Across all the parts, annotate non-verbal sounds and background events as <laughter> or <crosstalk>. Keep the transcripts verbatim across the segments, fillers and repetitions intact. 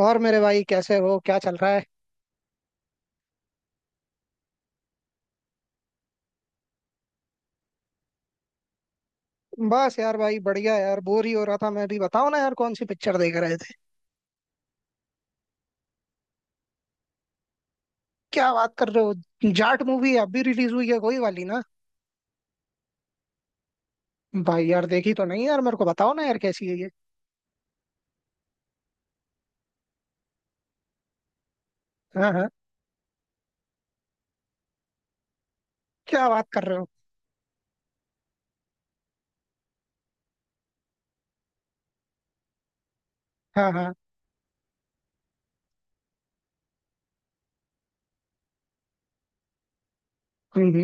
और मेरे भाई, कैसे हो? क्या चल रहा है? बस यार भाई, बढ़िया। यार, बोर ही हो रहा था मैं भी। बताओ ना यार, कौन सी पिक्चर देख रहे थे? क्या बात कर रहे हो, जाट मूवी? अब भी रिलीज हुई है कोई वाली ना? भाई यार, देखी तो नहीं यार। मेरे को बताओ ना यार, कैसी है ये? हाँ हाँ। क्या बात कर रहे हो? हाँ हाँ। हम्म हम्म।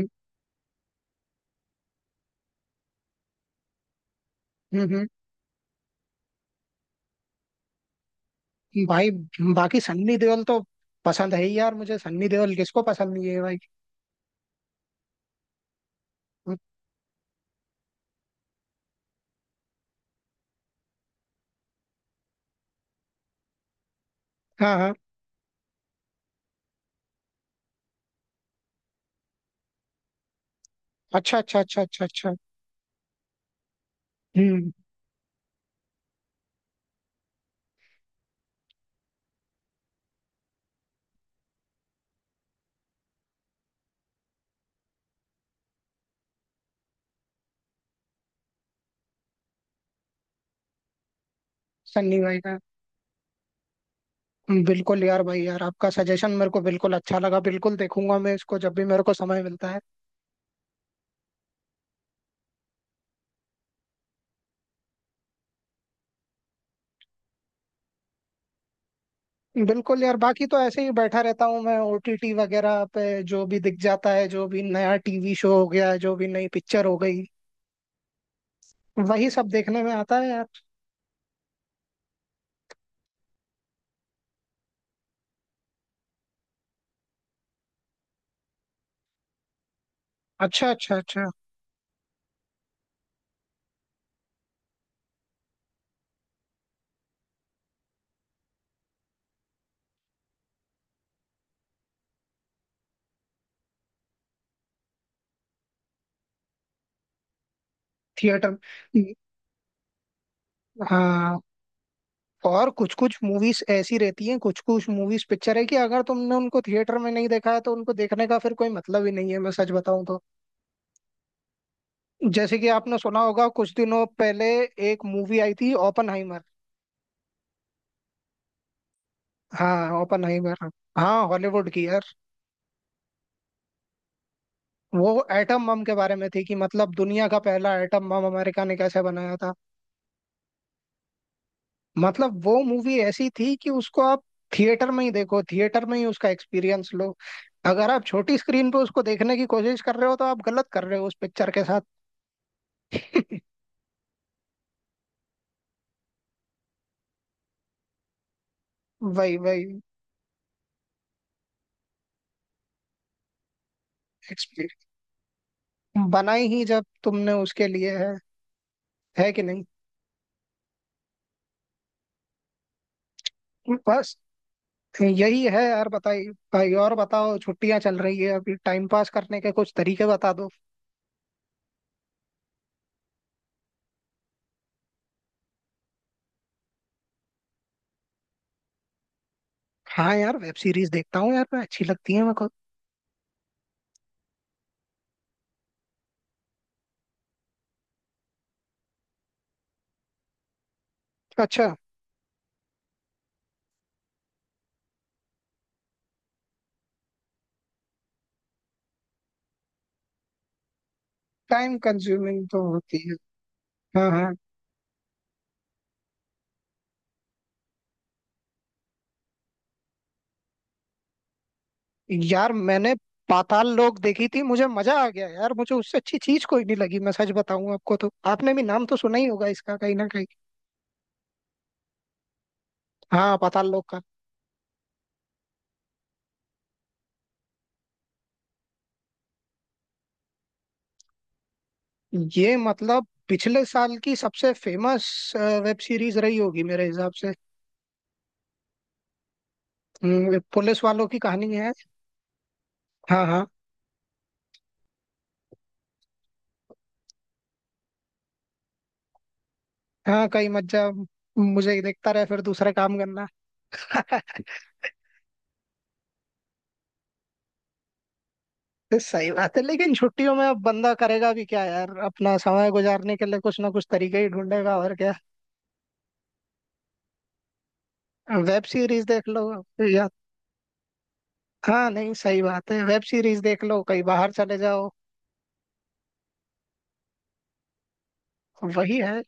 हम्म हम्म। भाई, बाकी सन्नी देओल तो पसंद है ही यार मुझे। सन्नी देओल किसको पसंद नहीं है भाई? हाँ हाँ। अच्छा अच्छा अच्छा अच्छा अच्छा। हम्म। सन्नी भाई का। बिल्कुल यार भाई, यार आपका सजेशन मेरे को बिल्कुल अच्छा लगा, बिल्कुल देखूंगा मैं इसको जब भी मेरे को समय मिलता है। बिल्कुल यार, बाकी तो ऐसे ही बैठा रहता हूँ मैं ओटीटी वगैरह पे। जो भी दिख जाता है, जो भी नया टीवी शो हो गया, जो भी नई पिक्चर हो गई, वही सब देखने में आता है यार। अच्छा अच्छा अच्छा। थिएटर। हाँ। और कुछ कुछ मूवीज ऐसी रहती हैं, कुछ कुछ मूवीज पिक्चर है कि अगर तुमने उनको थिएटर में नहीं देखा है तो उनको देखने का फिर कोई मतलब ही नहीं है, मैं सच बताऊं। जैसे कि आपने सुना होगा कुछ दिनों पहले एक मूवी आई थी, ओपनहाइमर। हाँ, ओपनहाइमर। हाँ, हॉलीवुड की यार। वो एटम बम के बारे में थी कि मतलब दुनिया का पहला एटम बम अमेरिका ने कैसे बनाया था। मतलब वो मूवी ऐसी थी कि उसको आप थिएटर में ही देखो, थिएटर में ही उसका एक्सपीरियंस लो। अगर आप छोटी स्क्रीन पे उसको देखने की कोशिश कर रहे हो तो आप गलत कर रहे हो उस पिक्चर के साथ। वही वही। एक्सपीरियंस बनाई ही जब तुमने उसके लिए है। है कि नहीं? बस यही है यार। बताइए भाई, और बताओ, छुट्टियां चल रही है अभी, टाइम पास करने के कुछ तरीके बता दो। हाँ यार, वेब सीरीज देखता हूँ यार मैं, अच्छी लगती है मेरे को। अच्छा। टाइम कंज्यूमिंग तो होती है। हाँ हाँ। यार मैंने पाताल लोक देखी थी, मुझे मजा आ गया यार, मुझे उससे अच्छी चीज कोई नहीं लगी, मैं सच बताऊं आपको तो। आपने भी नाम तो सुना ही होगा इसका कहीं ना कहीं। हाँ, पाताल लोक का। ये मतलब पिछले साल की सबसे फेमस वेब सीरीज रही होगी मेरे हिसाब से। हम्म, पुलिस वालों की कहानी है। हाँ हाँ। हाँ, कहीं मत जा, मुझे देखता रहे फिर दूसरे काम करना। तो सही बात है, लेकिन छुट्टियों में अब बंदा करेगा भी क्या यार? अपना समय गुजारने के लिए कुछ ना कुछ तरीके ही ढूंढेगा, और क्या। वेब सीरीज देख लो, या... हाँ, नहीं, सही बात है, वेब सीरीज देख लो, कहीं बाहर चले जाओ। वही है।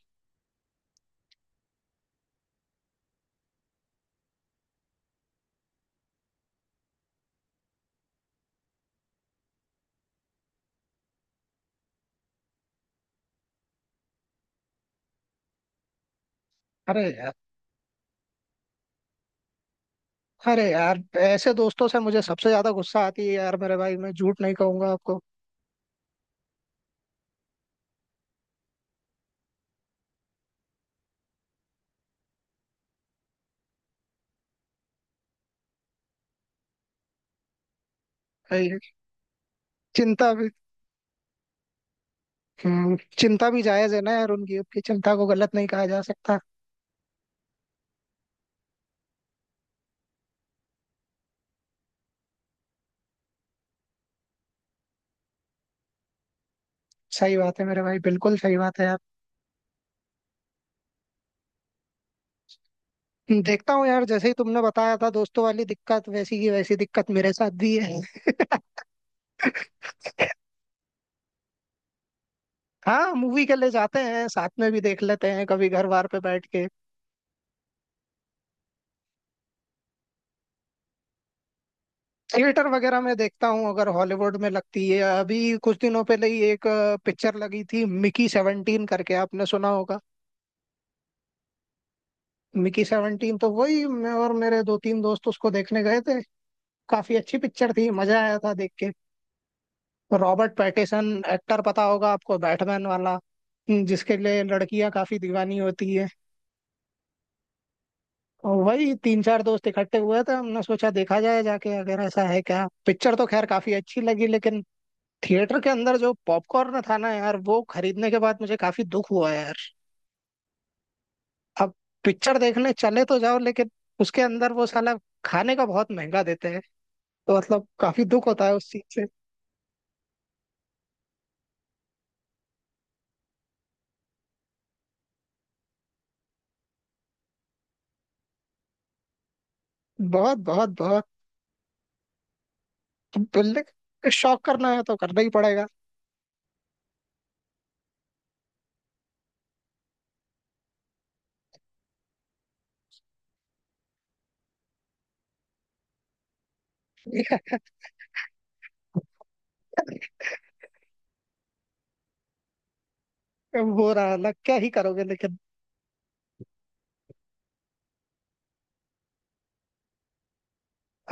अरे यार, अरे यार, ऐसे दोस्तों से मुझे सबसे ज्यादा गुस्सा आती है यार मेरे भाई, मैं झूठ नहीं कहूंगा आपको। ये चिंता भी... हम्म, चिंता भी जायज है ना यार, उनकी उनकी चिंता को गलत नहीं कहा जा सकता। सही बात है मेरे भाई, बिल्कुल सही बात है यार। देखता हूँ यार, जैसे ही तुमने बताया था दोस्तों वाली दिक्कत, वैसी की वैसी दिक्कत मेरे साथ भी है। <laughs> हाँ, मूवी के लिए जाते हैं साथ में, भी देख लेते हैं कभी घर बार पे बैठ के। थिएटर वगैरह में देखता हूँ अगर हॉलीवुड में लगती है। अभी कुछ दिनों पहले ही एक पिक्चर लगी थी, मिकी सेवनटीन करके, आपने सुना होगा। मिकी सेवनटीन, तो वही मैं और मेरे दो तीन दोस्त उसको देखने गए थे। काफी अच्छी पिक्चर थी, मजा आया था देख के। रॉबर्ट पैटिसन एक्टर पता होगा आपको, बैटमैन वाला, जिसके लिए लड़कियां काफी दीवानी होती है। और वही तीन चार दोस्त इकट्ठे हुए थे, हमने सोचा देखा जाए जाके, अगर ऐसा है क्या पिक्चर। तो खैर काफी अच्छी लगी, लेकिन थिएटर के अंदर जो पॉपकॉर्न था ना यार, वो खरीदने के बाद मुझे काफी दुख हुआ यार। अब पिक्चर देखने चले तो जाओ, लेकिन उसके अंदर वो साला खाने का बहुत महंगा देते हैं, तो मतलब काफी दुख होता है उस चीज से। बहुत बहुत बहुत। बोलने... शौक करना है तो करना ही पड़ेगा। अब हो रहा है अलग, क्या ही करोगे, लेकिन...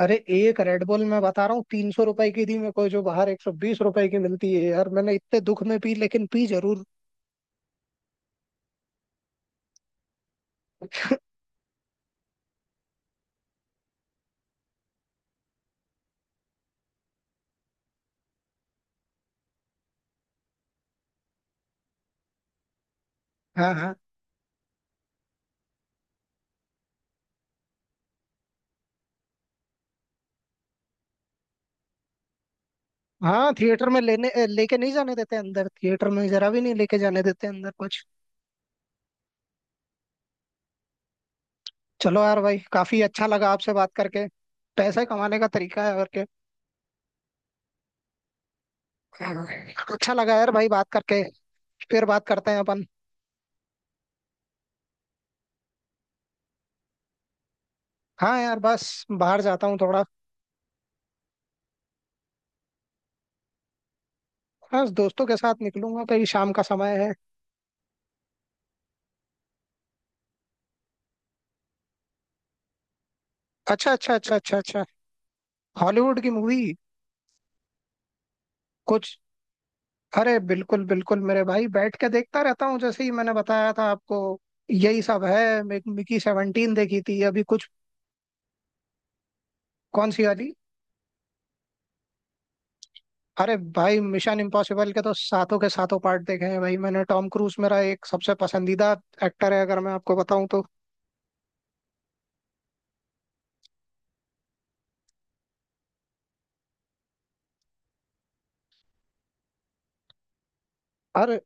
अरे, एक रेड बुल मैं बता रहा हूँ तीन सौ रुपए की थी मेरे को, जो बाहर एक सौ बीस रुपए की मिलती है यार। मैंने इतने दुख में पी, लेकिन पी जरूर। हाँ हाँ। हाँ, थिएटर में लेने अ, लेके नहीं जाने देते अंदर, थिएटर में जरा भी नहीं लेके जाने देते अंदर कुछ। चलो यार भाई, काफी अच्छा लगा आपसे बात करके। पैसे कमाने का तरीका है, और के... अच्छा लगा यार भाई बात करके। फिर बात करते हैं अपन। हाँ यार, बस बाहर जाता हूँ थोड़ा। बस दोस्तों के साथ निकलूंगा कहीं, शाम का समय है। अच्छा अच्छा अच्छा अच्छा अच्छा। हॉलीवुड की मूवी। कुछ... अरे बिल्कुल बिल्कुल मेरे भाई, बैठ के देखता रहता हूँ, जैसे ही मैंने बताया था आपको। यही सब है, मि- मिकी सेवनटीन देखी थी अभी कुछ... कौन सी? वाली अरे भाई, मिशन इम्पॉसिबल के तो सातों के सातों पार्ट देखे हैं भाई मैंने। टॉम क्रूज मेरा एक सबसे पसंदीदा एक्टर है, अगर मैं आपको बताऊं तो। और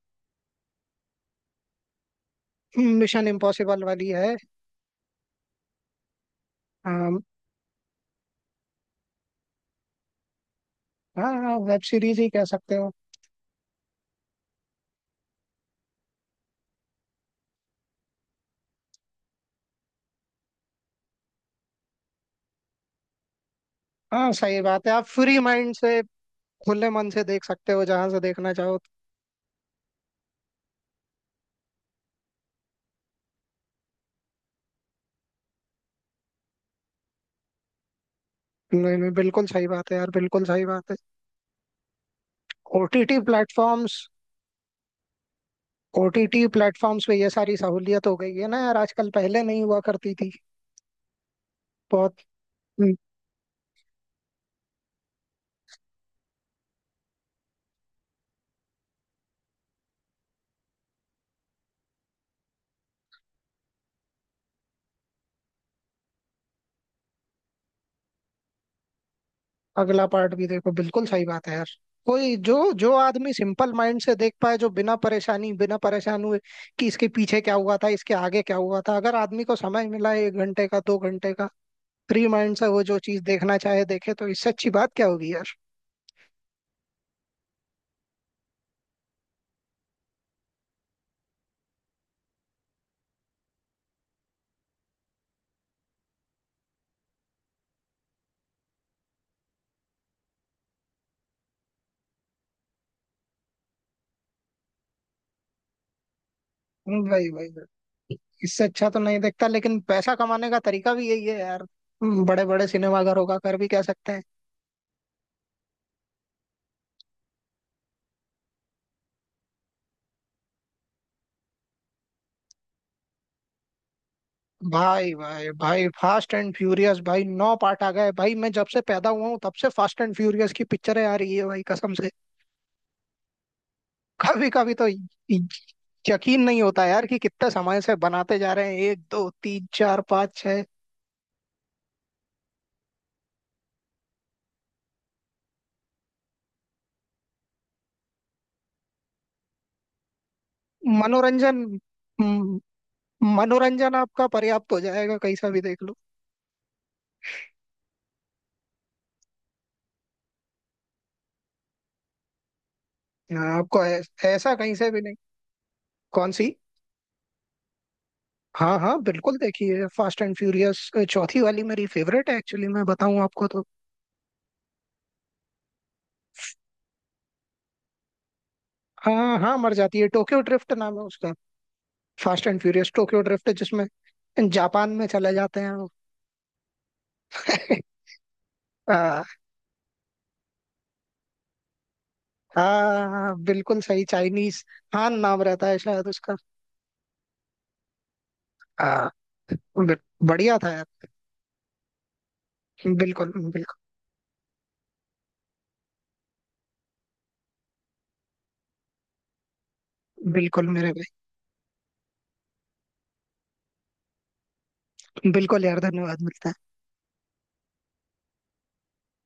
मिशन इम्पॉसिबल वाली है? अम, हाँ, वेब सीरीज ही कह सकते हो। हाँ, सही बात है, आप फ्री माइंड से, खुले मन से देख सकते हो जहां से देखना चाहो। नहीं नहीं, बिल्कुल सही बात है यार, बिल्कुल सही बात है। OTT platforms. ओटीटी प्लेटफॉर्म्स पे ये सारी सहूलियत हो गई है ना यार आजकल, पहले नहीं हुआ करती थी बहुत। हम्म, अगला पार्ट भी देखो, बिल्कुल सही बात है यार। कोई जो... जो आदमी सिंपल माइंड से देख पाए, जो बिना परेशानी, बिना परेशान हुए कि इसके पीछे क्या हुआ था, इसके आगे क्या हुआ था, अगर आदमी को समय मिला है एक घंटे का, दो घंटे का, फ्री माइंड से वो जो चीज देखना चाहे देखे, तो इससे अच्छी बात क्या होगी यार। हम्म, वही वही वही। इससे अच्छा तो नहीं देखता, लेकिन पैसा कमाने का तरीका भी यही है यार। बड़े बड़े सिनेमाघरों का कर भी कह सकते हैं। भाई भाई भाई, फास्ट एंड फ्यूरियस, भाई नौ पार्ट आ गए भाई, मैं जब से पैदा हुआ हूँ तब से फास्ट एंड फ्यूरियस की पिक्चरें आ रही है भाई, कसम से। कभी कभी तो य- यकीन नहीं होता यार कि कितने समय से बनाते जा रहे हैं, एक दो तीन चार पाँच छह... मनोरंजन... हम्म, मनोरंजन आपका पर्याप्त हो जाएगा कहीं सा भी देख लो। हाँ, आपको ऐस- ऐसा कहीं से भी नहीं... कौन सी? हाँ हाँ, बिल्कुल, देखिए, फास्ट एंड फ्यूरियस चौथी वाली मेरी फेवरेट है एक्चुअली, मैं बताऊं आपको तो। हाँ हाँ, मर जाती है, टोक्यो ड्रिफ्ट नाम है उसका। Fast and Furious Tokyo Drift, जिसमें जापान में चले जाते हैं वो। <laughs> हाँ। हाँ, हाँ, बिल्कुल सही, चाइनीज। हान नाम रहता है शायद उसका। हाँ। बि- बढ़िया था यार। बिल्कुल बिल्कुल बिल्कुल मेरे भाई, बिल्कुल यार, धन्यवाद मिलता है।